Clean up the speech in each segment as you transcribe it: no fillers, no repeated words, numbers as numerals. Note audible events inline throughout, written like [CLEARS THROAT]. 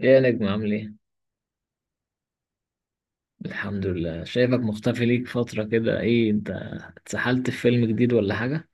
ايه يا نجم عامل ايه؟ الحمد لله، شايفك مختفي ليك فترة كده. ايه انت اتسحلت في فيلم جديد ولا حاجة؟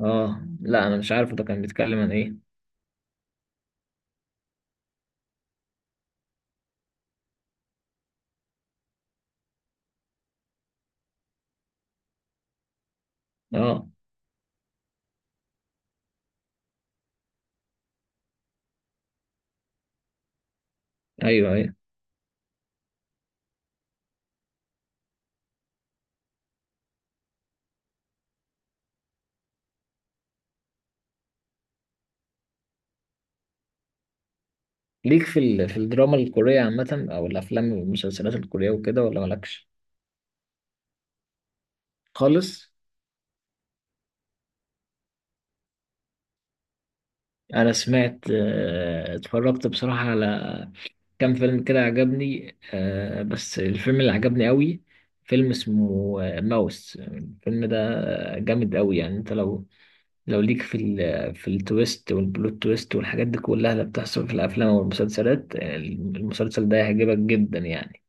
اه لا انا مش عارف، ده كان بيتكلم عن ايه؟ اه، ايوه ايوه. ليك في ال... في الدراما الكورية عامة او الافلام والمسلسلات الكورية وكده ولا مالكش؟ خالص؟ انا سمعت اتفرجت بصراحة على كام فيلم كده عجبني، بس الفيلم اللي عجبني قوي فيلم اسمه ماوس. الفيلم ده جامد قوي، يعني انت لو لو ليك في ال في التويست والبلوت تويست والحاجات دي كلها اللي بتحصل في الافلام والمسلسلات، المسلسل ده هيعجبك جدا يعني.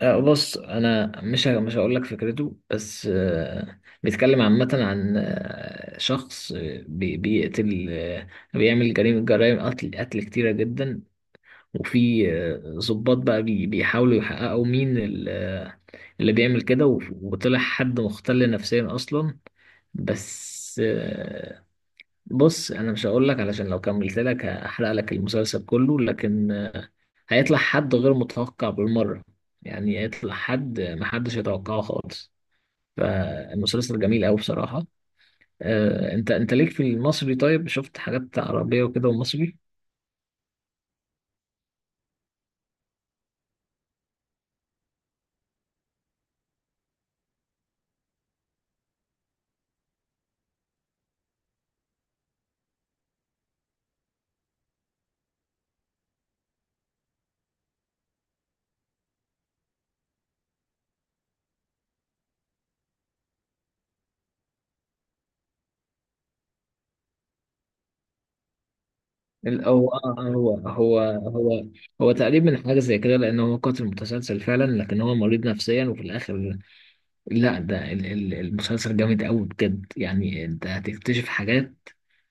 بص انا مش هقول لك فكرته، بس بيتكلم عامه عن شخص، بيقتل، بيعمل جرائم قتل، كتيره جدا. وفي ضباط بقى بيحاولوا يحققوا مين اللي بيعمل كده، وطلع حد مختل نفسيا اصلا. بس بص انا مش هقول لك، علشان لو كملت لك هحرق لك المسلسل كله. لكن هيطلع حد غير متوقع بالمره، يعني هيطلع حد محدش يتوقعه خالص. فالمسلسل جميل قوي بصراحه. انت ليك في المصري؟ طيب، شفت حاجات عربيه وكده ومصري؟ هو هو تقريبا حاجه زي كده، لان هو قاتل متسلسل فعلا، لكن هو مريض نفسيا وفي الاخر. لا، ده المسلسل جامد قوي بجد، يعني انت هتكتشف حاجات.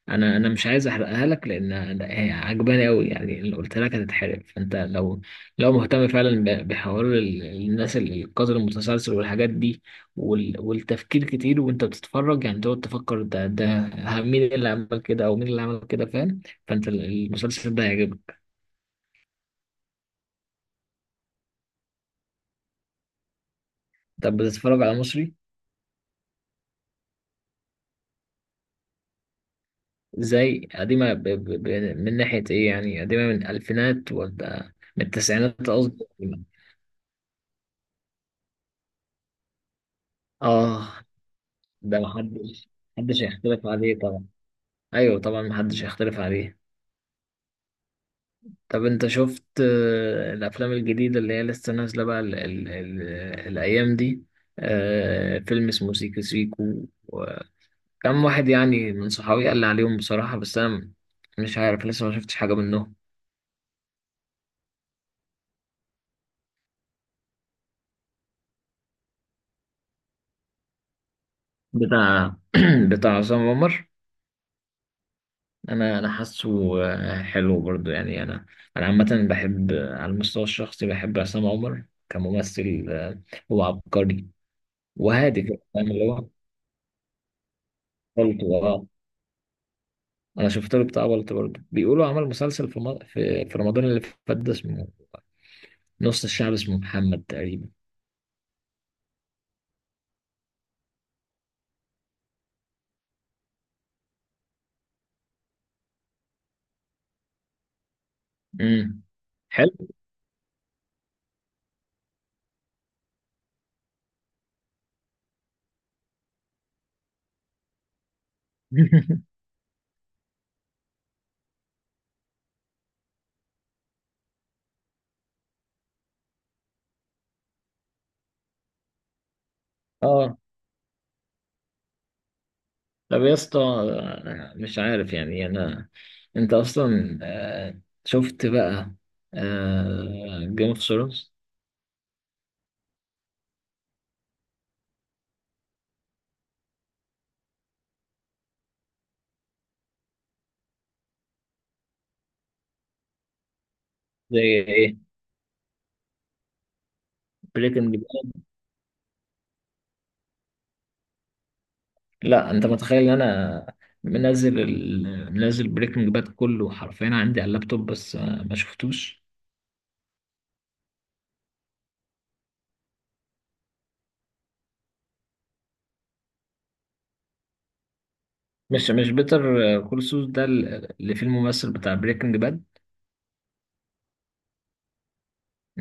انا مش عايز احرقها لك، لان هي عجباني قوي يعني، اللي قلت لك هتتحرق. فانت لو لو مهتم فعلا بحوار الناس القاتل المتسلسل والحاجات دي والتفكير كتير وانت بتتفرج، يعني تقعد تفكر مين اللي عمل كده او مين اللي عمل كده، فاهم؟ فانت المسلسل ده هيعجبك. طب بتتفرج على مصري؟ زي قديمة من ناحية إيه يعني؟ قديمة من الألفينات ولا من التسعينات قصدي؟ آه. ده محدش، محدش يختلف عليه طبعا. أيوه طبعا، محدش يختلف عليه. طب أنت شفت الأفلام الجديدة اللي هي لسه نازلة بقى الأيام دي؟ آه فيلم اسمه سيكو سيكو وكم واحد يعني، من صحابي قال لي عليهم بصراحة، بس أنا مش عارف لسه ما شفتش حاجة منهم. بتاع [CLEARS THROAT] بتاع عصام عمر. انا حاسه حلو برضو يعني. انا انا عامه بحب، على المستوى الشخصي بحب عصام عمر كممثل، هو عبقري. وهادي كده فاهم، اللي هو بلطو. اه، انا شفت له بتاع بلطو برضو. بيقولوا عمل مسلسل في في رمضان اللي فات ده، اسمه نص الشعب، اسمه محمد تقريبا. امم حلو. [LAUGHS] اه، طب يا اسطى، مش عارف يعني. انا انت اصلا، شفت بقى جيم اوف ثرونز؟ زي ايه؟ بريكنج باد؟ لا، انت متخيل ان انا منزل منزل بريكنج باد كله حرفيا عندي على اللابتوب، بس ما شفتوش. مش بيتر كول سول ده اللي فيه الممثل بتاع بريكنج باد؟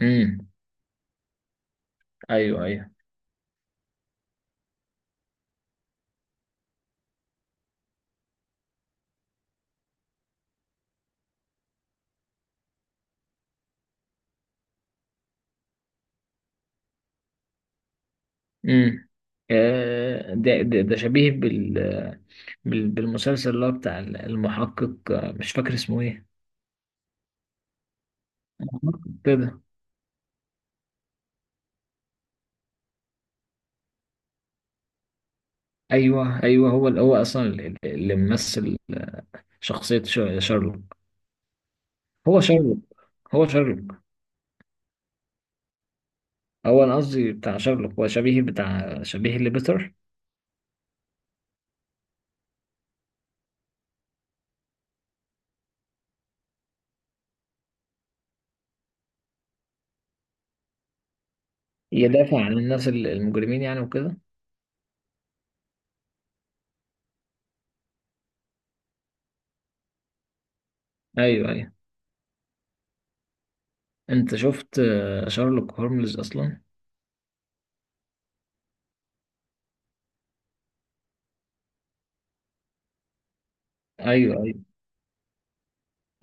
امم. ايوه ايوه. امم. ده ده شبيه بالمسلسل اللي هو بتاع المحقق، مش فاكر اسمه ايه. المحقق كده. ايوه ايوه، هو هو اصلا اللي ممثل شخصية شارلوك. هو شارلوك، هو شارلوك. هو انا قصدي بتاع شارلوك، هو شبيه بتاع، شبيه لبيتر. يدافع عن الناس المجرمين يعني وكده. ايوه ايوه، انت شفت شارلوك هولمز اصلا؟ ايوه ايوه.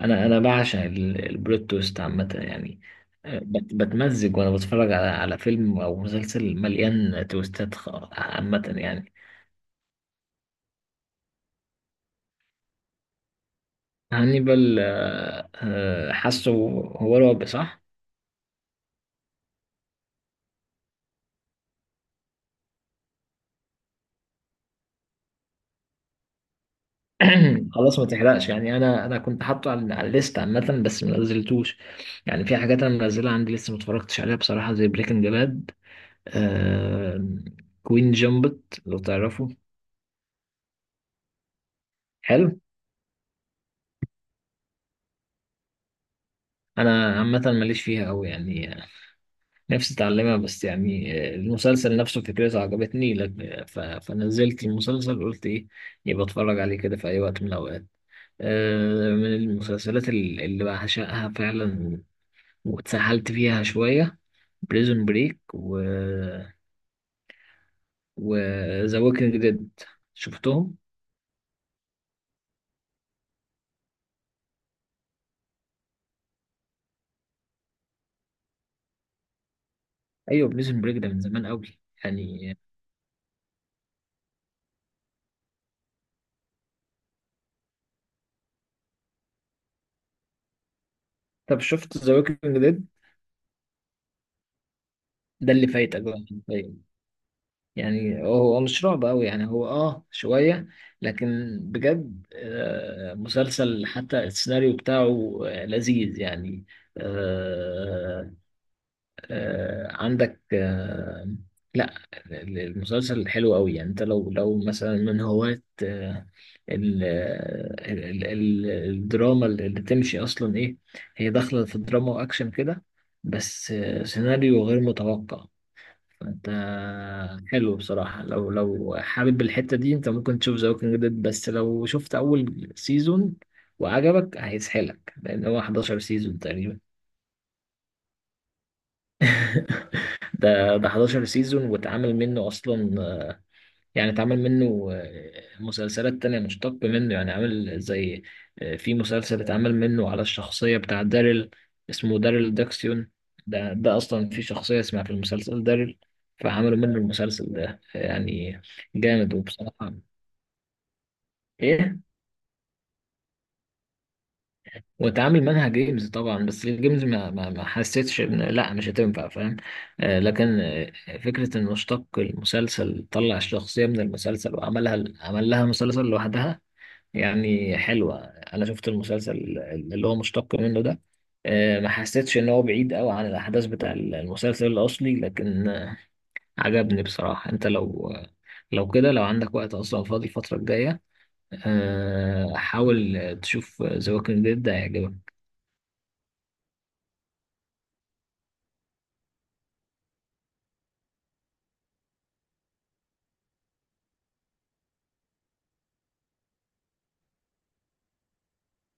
انا انا بعشق البلوت تويست عامه يعني، بتمزج وانا بتفرج على على فيلم او مسلسل مليان عامه يعني. هانيبال؟ حاسه هو الرعب صح؟ [CLEARS THROAT] خلاص ما تحرقش يعني. انا انا كنت حاطه على على الليست عامه، بس ما نزلتوش يعني. في حاجات انا منزلها عندي لسه ما اتفرجتش عليها بصراحه، زي بريكنج باد آه... كوين جامبت، لو تعرفه. حلو. انا عامه ماليش فيها قوي يعني، نفسي اتعلمها، بس يعني المسلسل نفسه فكرته عجبتني لك، فنزلت المسلسل قلت ايه يبقى اتفرج عليه كده في اي وقت من الاوقات. من المسلسلات اللي بعشقها فعلا واتسحلت فيها شوية، بريزون بريك، و و ذا ووكينج ديد. شفتهم؟ ايوه، بريزون بريك ده من زمان قوي يعني. طب شفت ذا ووكينج ديد؟ ده اللي فايتك بقى طيب. يعني هو هو مش رعب قوي، يعني هو اه شويه، لكن بجد آه مسلسل حتى السيناريو بتاعه لذيذ يعني. آه، عندك لا. المسلسل حلو قوي، يعني انت لو لو مثلا من هواة، ال- الدراما اللي تمشي اصلا ايه، هي داخله في دراما واكشن كده، بس سيناريو غير متوقع. فانت حلو بصراحه، لو لو حابب الحته دي انت ممكن تشوف ذا ووكينج ديد، بس لو شفت اول سيزون وعجبك هيسحلك، لان هو 11 سيزون تقريبا. ده 11 سيزون، واتعمل منه اصلا يعني اتعمل منه مسلسلات تانية مشتق منه يعني، عامل زي في مسلسل اتعمل منه على الشخصية بتاع داريل، اسمه داريل داكسيون. ده اصلا في شخصية اسمها في المسلسل داريل، فعملوا منه المسلسل ده يعني. جامد وبصراحة. ايه؟ واتعامل منها جيمز طبعا، بس الجيمز ما حسيتش ان لا مش هتنفع، فاهم؟ آه لكن فكرة ان اشتق المسلسل، طلع الشخصية من المسلسل وعملها، عمل لها مسلسل لوحدها يعني حلوة. انا شفت المسلسل اللي هو مشتق منه ده، آه ما حسيتش ان هو بعيد قوي عن الاحداث بتاع المسلسل الاصلي، لكن عجبني بصراحة. انت لو لو كده، لو عندك وقت اصلا فاضي الفترة الجاية، حاول تشوف ذا ووكينج ديد، ده هيعجبك.